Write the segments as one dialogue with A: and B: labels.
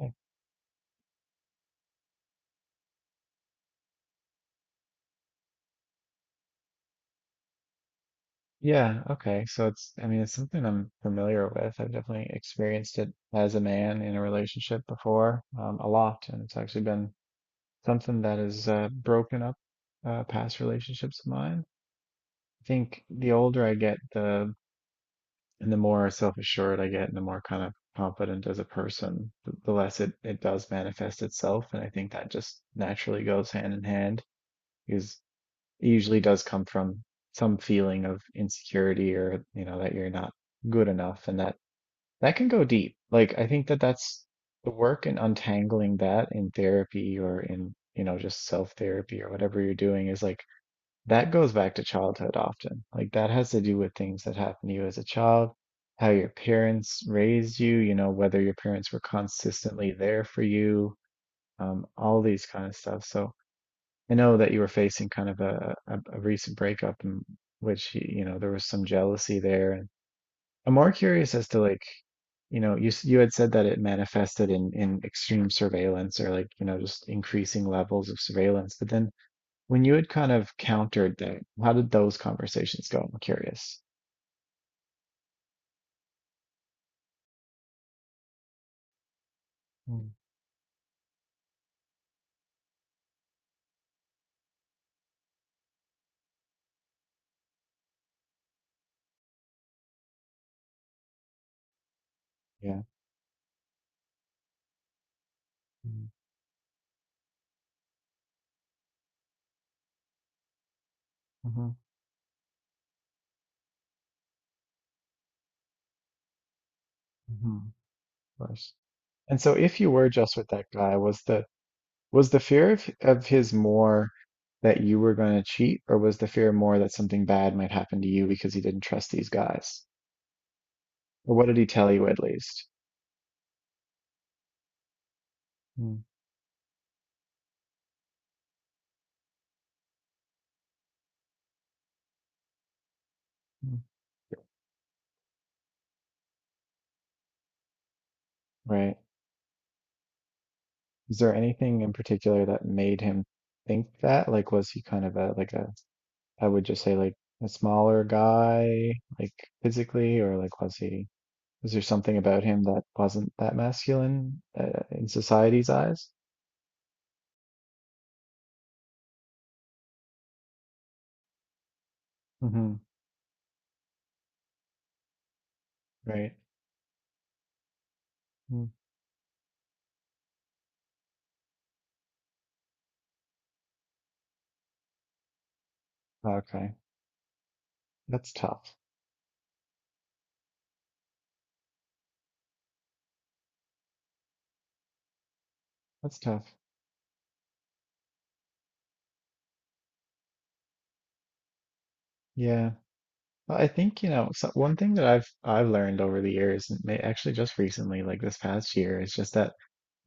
A: Okay. Yeah, okay. So it's something I'm familiar with. I've definitely experienced it as a man in a relationship before, a lot, and it's actually been something that has broken up past relationships of mine. I think the older I get, the more self-assured I get and the more kind of confident as a person, the less it does manifest itself. And I think that just naturally goes hand in hand because it usually does come from some feeling of insecurity or, you know, that you're not good enough. And that can go deep. Like, I think that that's the work in untangling that in therapy or in, you know, just self-therapy or whatever you're doing is like, that goes back to childhood often. Like that has to do with things that happened to you as a child, how your parents raised you, you know, whether your parents were consistently there for you, all these kind of stuff. So I know that you were facing kind of a recent breakup in which, you know, there was some jealousy there. And I'm more curious as to like, you know, you had said that it manifested in extreme surveillance or like, you know, just increasing levels of surveillance, but then when you had kind of countered that, how did those conversations go? I'm curious. Mm, yeah, mm, hmm, hmm. Of course. And so if you were just with that guy, was the fear of his more that you were going to cheat, or was the fear more that something bad might happen to you because he didn't trust these guys? Or what did he tell you at least? Mm, mm. Right? Is there anything in particular that made him think that? Like, was he kind of a like a, I would just say like a smaller guy, like physically, or like was there something about him that wasn't that masculine in society's eyes? Mm-hmm. Right. Mm. Okay. That's tough. That's tough. Yeah. But I think, you know, so one thing that I've learned over the years, and may, actually just recently, like this past year, is just that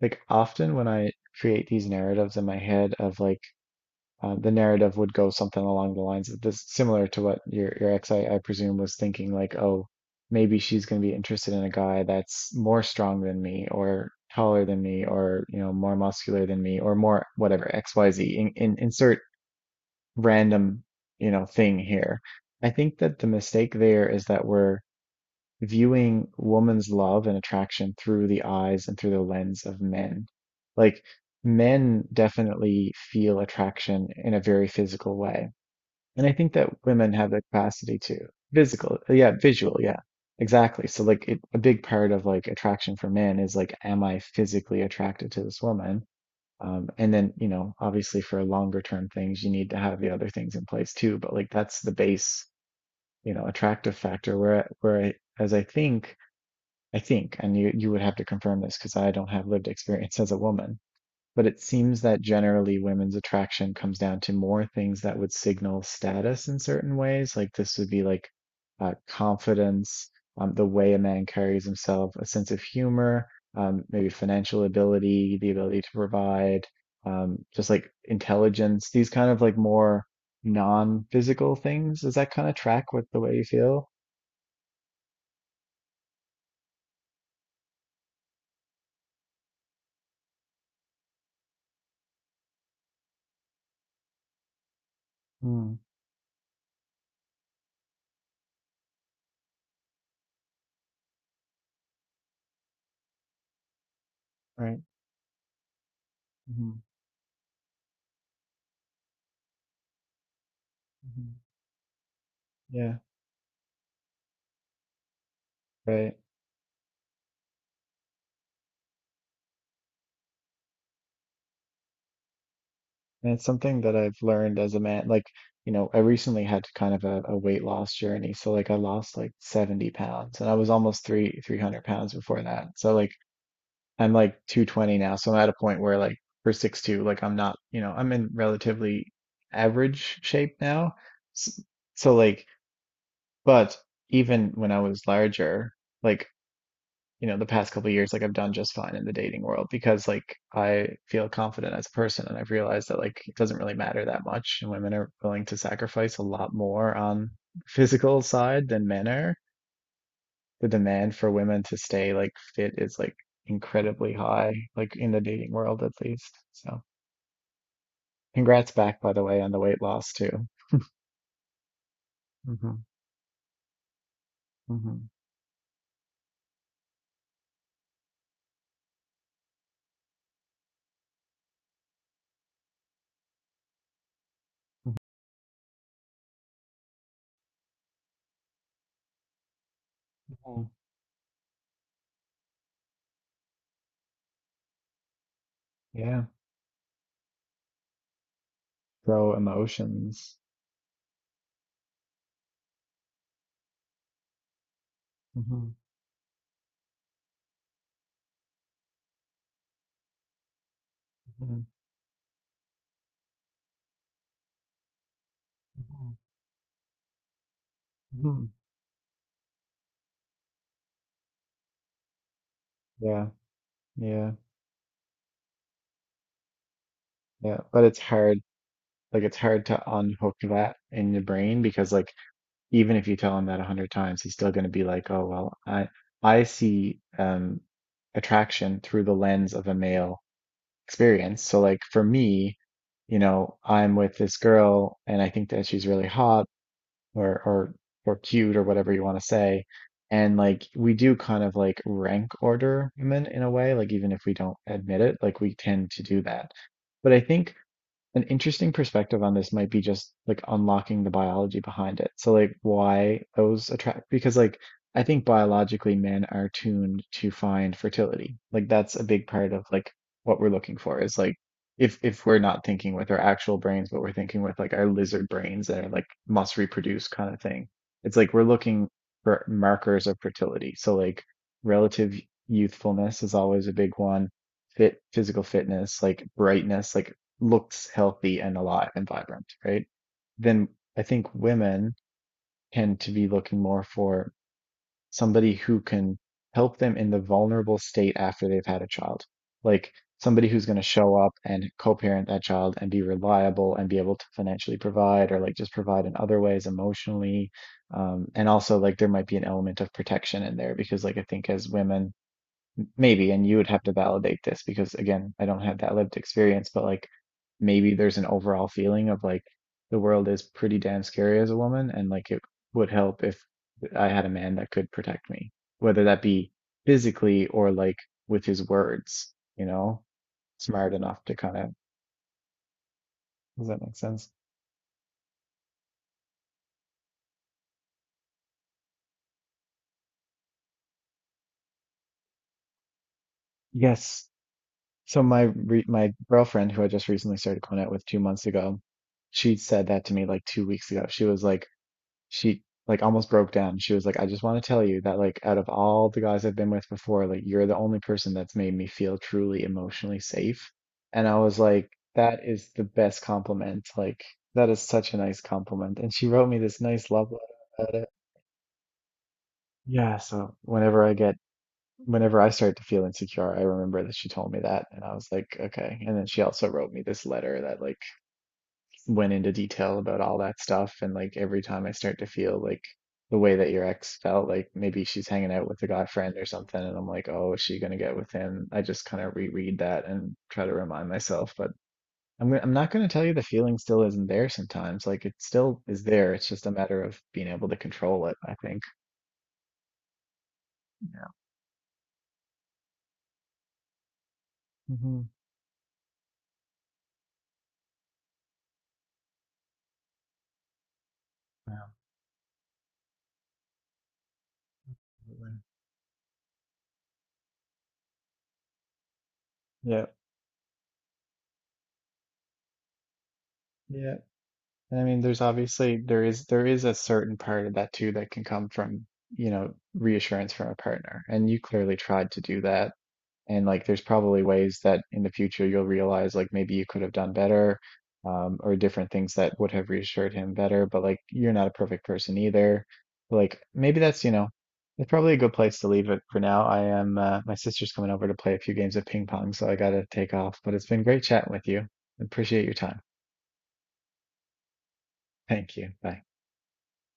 A: like often when I create these narratives in my head of like the narrative would go something along the lines of this, similar to what your ex, I presume, was thinking, like, oh, maybe she's going to be interested in a guy that's more strong than me, or taller than me, or you know, more muscular than me, or more whatever X, Y, Z. Insert random, you know, thing here. I think that the mistake there is that we're viewing woman's love and attraction through the eyes and through the lens of men. Like men definitely feel attraction in a very physical way. And I think that women have the capacity to physical, yeah, visual, yeah, exactly. So like it, a big part of like attraction for men is like, am I physically attracted to this woman? And then, you know, obviously for longer term things, you need to have the other things in place too. But like that's the base, you know, attractive factor where, as I think, and you would have to confirm this because I don't have lived experience as a woman, but it seems that generally women's attraction comes down to more things that would signal status in certain ways. Like this would be like confidence, the way a man carries himself, a sense of humor, maybe financial ability, the ability to provide, just like intelligence, these kind of like more non-physical things. Does that kind of track with the way you feel? Mm, right. Hmm, hmm. Yeah. Right. And it's something that I've learned as a man. Like, you know, I recently had kind of a weight loss journey. So like I lost like 70 pounds and I was almost three 300 pounds before that. So like I'm like 220 now. So I'm at a point where like for 6'2", like I'm not, you know, I'm in relatively average shape now. S- So like, but even when I was larger, like you know the past couple of years like I've done just fine in the dating world because like I feel confident as a person and I've realized that like it doesn't really matter that much and women are willing to sacrifice a lot more on physical side than men are. The demand for women to stay like fit is like incredibly high like in the dating world at least. So congrats back by the way on the weight loss too. Hmm, hmm, hmm. Yeah. So emotions. Hmm, hmm, hmm. Yeah. Yeah. Yeah, but it's hard. Like it's hard to unhook that in the brain because like even if you tell him that 100 times, he's still going to be like, "Oh well, I see attraction through the lens of a male experience." So like for me, you know, I'm with this girl and I think that she's really hot or or cute or whatever you want to say. And like we do kind of like rank order women in a way, like even if we don't admit it, like we tend to do that. But I think an interesting perspective on this might be just like unlocking the biology behind it. So like why those attract because like I think biologically men are tuned to find fertility. Like that's a big part of like what we're looking for is like if we're not thinking with our actual brains, but we're thinking with like our lizard brains that are like must reproduce kind of thing. It's like we're looking for markers of fertility. So like relative youthfulness is always a big one, fit physical fitness, like brightness, like looks healthy and alive and vibrant, right? Then I think women tend to be looking more for somebody who can help them in the vulnerable state after they've had a child. Like somebody who's going to show up and co-parent that child and be reliable and be able to financially provide or like just provide in other ways emotionally. And also like there might be an element of protection in there because like I think as women, maybe, and you would have to validate this because again, I don't have that lived experience, but like maybe there's an overall feeling of like the world is pretty damn scary as a woman, and like it would help if I had a man that could protect me, whether that be physically or like with his words, you know, smart enough to kind of, does that make sense? Yes. So my girlfriend, who I just recently started going out with 2 months ago, she said that to me like 2 weeks ago. She was like, she like almost broke down. She was like, I just want to tell you that like out of all the guys I've been with before, like you're the only person that's made me feel truly emotionally safe. And I was like, that is the best compliment. Like that is such a nice compliment. And she wrote me this nice love letter about it. Yeah, so whenever I start to feel insecure, I remember that she told me that and I was like, okay. And then she also wrote me this letter that like went into detail about all that stuff. And like every time I start to feel like the way that your ex felt, like maybe she's hanging out with a guy friend or something, and I'm like, oh, is she gonna get with him? I just kind of reread that and try to remind myself. But I'm not gonna tell you the feeling still isn't there sometimes. Like it still is there. It's just a matter of being able to control it, I think. Yeah. Hmm. Yeah. Absolutely. Yeah. Yeah. And I mean, there's obviously there is a certain part of that too that can come from, you know, reassurance from a partner. And you clearly tried to do that. And like there's probably ways that in the future you'll realize like maybe you could have done better, or different things that would have reassured him better, but like you're not a perfect person either. Like maybe that's, you know, it's probably a good place to leave it for now. I am my sister's coming over to play a few games of ping pong, so I gotta take off. But it's been great chatting with you. Appreciate your time. Thank you. Bye.